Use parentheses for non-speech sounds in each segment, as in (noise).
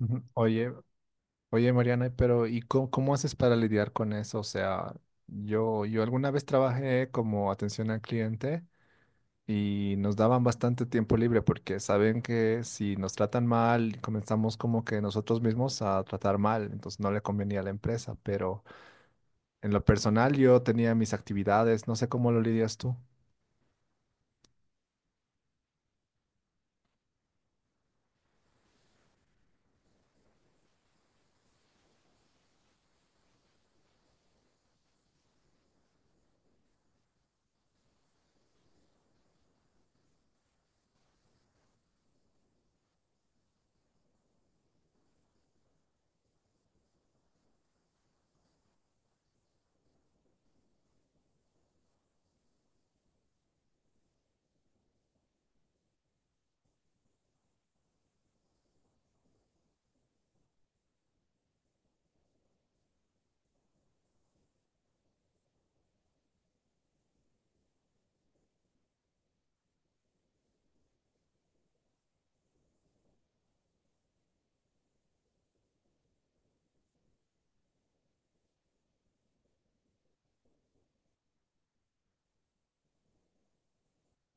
Ujú. Oye, oye Mariana, pero ¿y cómo, cómo haces para lidiar con eso? O sea, yo alguna vez trabajé como atención al cliente y nos daban bastante tiempo libre porque saben que si nos tratan mal, comenzamos como que nosotros mismos a tratar mal, entonces no le convenía a la empresa, pero en lo personal yo tenía mis actividades, no sé cómo lo lidias tú.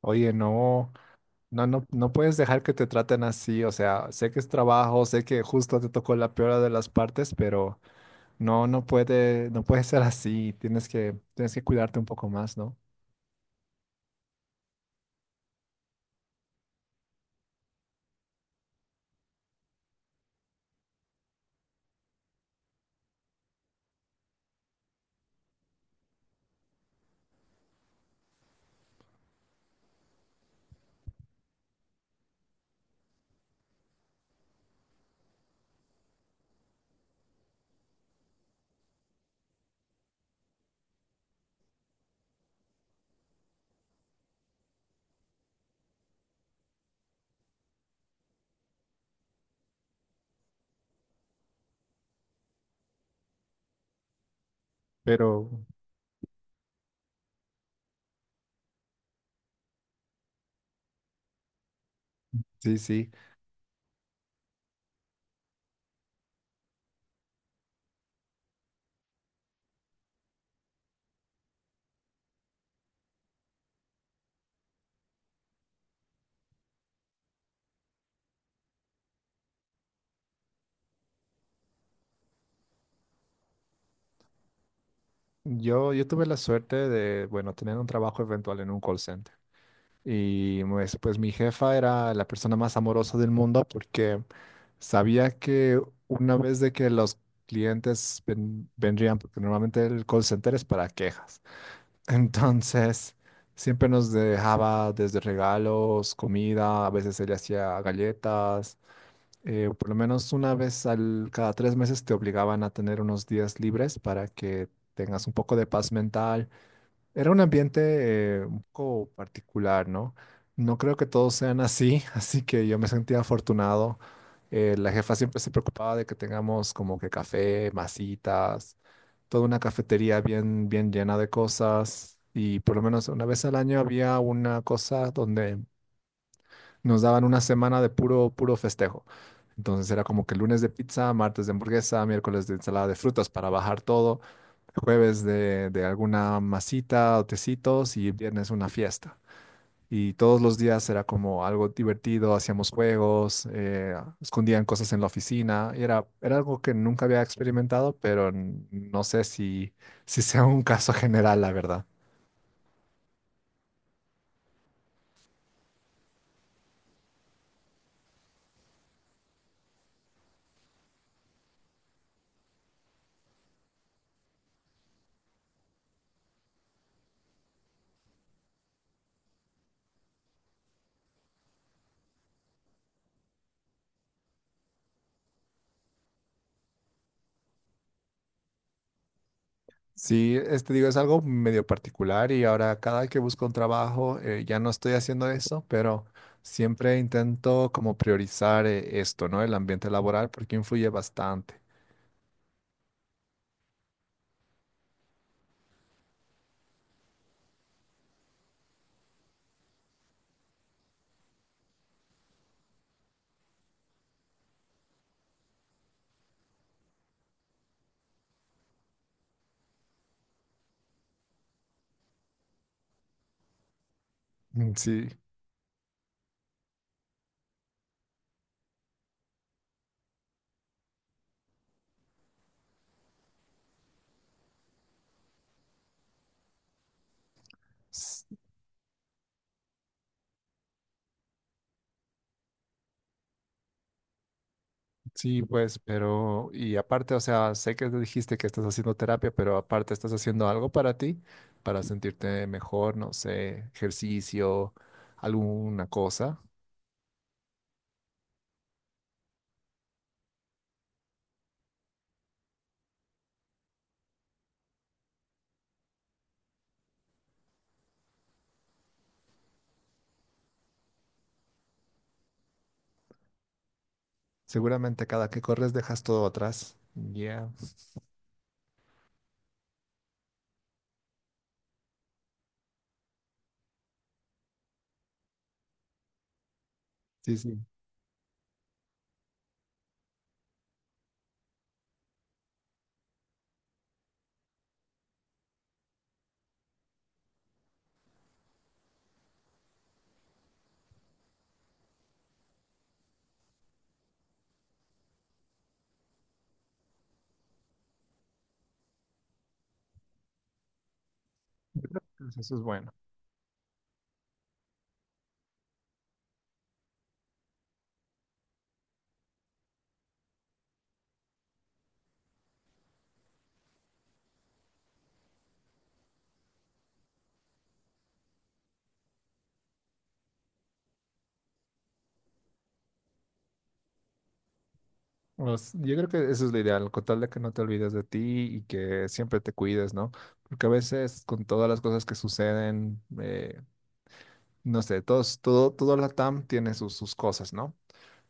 Oye, no. No, no, no puedes dejar que te traten así, o sea, sé que es trabajo, sé que justo te tocó la peor de las partes, pero no, no puede, no puede ser así. Tienes que cuidarte un poco más, ¿no? Pero sí, sí. Yo tuve la suerte de, bueno, tener un trabajo eventual en un call center. Y pues, pues mi jefa era la persona más amorosa del mundo porque sabía que una vez de que los clientes vendrían, porque normalmente el call center es para quejas. (laughs) Entonces, siempre nos dejaba desde regalos, comida, a veces ella hacía galletas por lo menos una vez al, cada tres meses te obligaban a tener unos días libres para que tengas un poco de paz mental. Era un ambiente un poco particular, ¿no? No creo que todos sean así, (laughs) así que yo me sentía afortunado. La jefa siempre se preocupaba de que tengamos como que café, masitas, toda una cafetería bien, bien llena de cosas. Y por lo menos una vez al año había una cosa donde nos daban una semana de puro, puro festejo. Entonces era como que lunes de pizza, martes de hamburguesa, miércoles de ensalada de frutas para bajar todo, jueves de alguna masita o tecitos y viernes una fiesta. Y todos los días era como algo divertido, hacíamos juegos, escondían cosas en la oficina. Y era, era algo que nunca había experimentado, pero no sé si, si sea un caso (laughs) general, la verdad. Sí, este digo, es algo medio particular y ahora cada que busco un trabajo ya no estoy haciendo eso, pero siempre intento como priorizar esto, ¿no? El ambiente laboral porque influye bastante. Mm, sí, s- sí, pues, pero y aparte, o sea, sé que dijiste que estás haciendo terapia, pero aparte estás haciendo algo para ti, para sentirte mejor, no sé, ejercicio, alguna cosa. Seguramente cada que corres dejas todo atrás. Ya, sí, sí. Pues eso es bueno. Pues, yo creo que eso es lo ideal, con tal de que no te olvides de ti y que siempre te cuides, ¿no? Porque a veces con todas las cosas que suceden, no sé, todos, todo la TAM tiene sus, sus cosas, ¿no?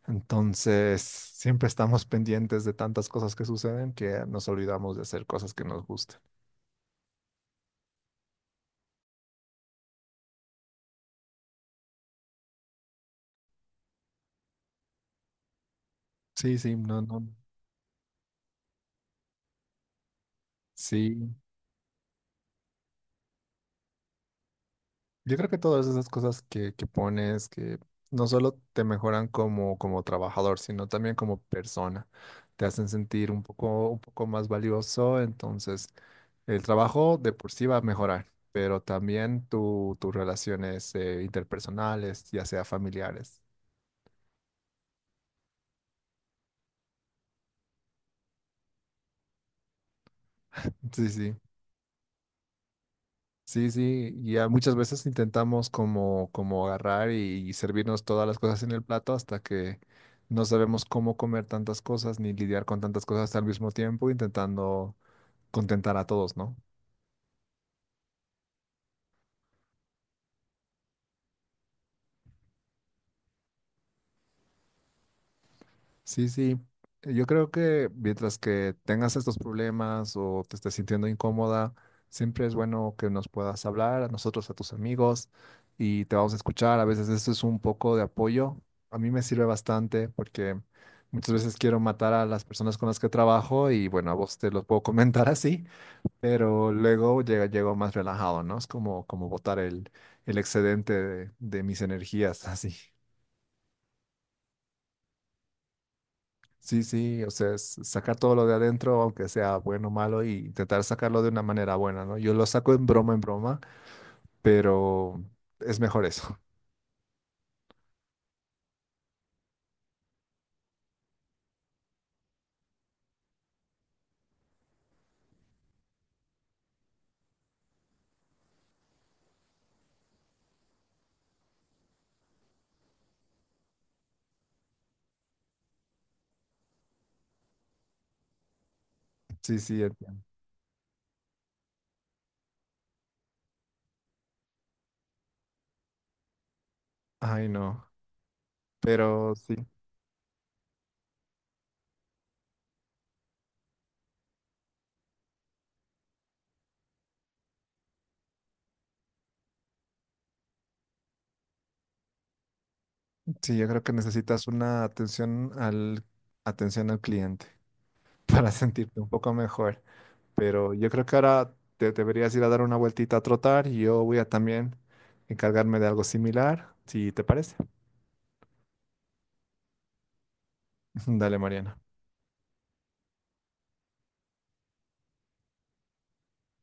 Entonces, siempre estamos pendientes de tantas cosas que suceden que nos olvidamos de hacer cosas que nos gustan. Sí, sí, no, no. Sí, yo creo que todas esas cosas que pones, que no solo te mejoran como, como trabajador, sino también como persona, te hacen sentir un poco más valioso, entonces el trabajo de por sí va a mejorar, pero también tu, tus relaciones interpersonales, ya sea familiares. Sí, sí. Sí, sí, ya muchas veces intentamos como, como agarrar y servirnos todas las cosas en el plato hasta que no sabemos cómo comer tantas cosas ni lidiar con tantas cosas al mismo tiempo, intentando contentar a todos, ¿no? Sí, sí. Yo creo que mientras que tengas estos problemas o te estés sintiendo incómoda, siempre es bueno que nos puedas hablar a nosotros, a tus amigos, y te vamos a escuchar. A veces eso es un poco de apoyo. A mí me sirve bastante porque muchas veces quiero matar a las personas con las que trabajo y bueno, a vos te los puedo (laughs) comentar así, pero luego llega, llego más relajado, ¿no? Es como, como botar el excedente de mis energías (laughs) así. Sí, sí, o sea, es sacar todo lo de adentro, aunque sea bueno o malo, y intentar sacarlo de una manera buena, ¿no? Yo lo saco en broma, pero es mejor eso. (laughs) Sí, sí, entiendo. Ay, no. Pero sí, sí, yo creo que necesitas una atención al cliente (laughs) para sentirte un poco mejor. Pero yo creo que ahora te deberías ir a dar una vueltita a trotar y yo voy a también encargarme de algo similar, si te parece. (laughs) Dale, Mariana.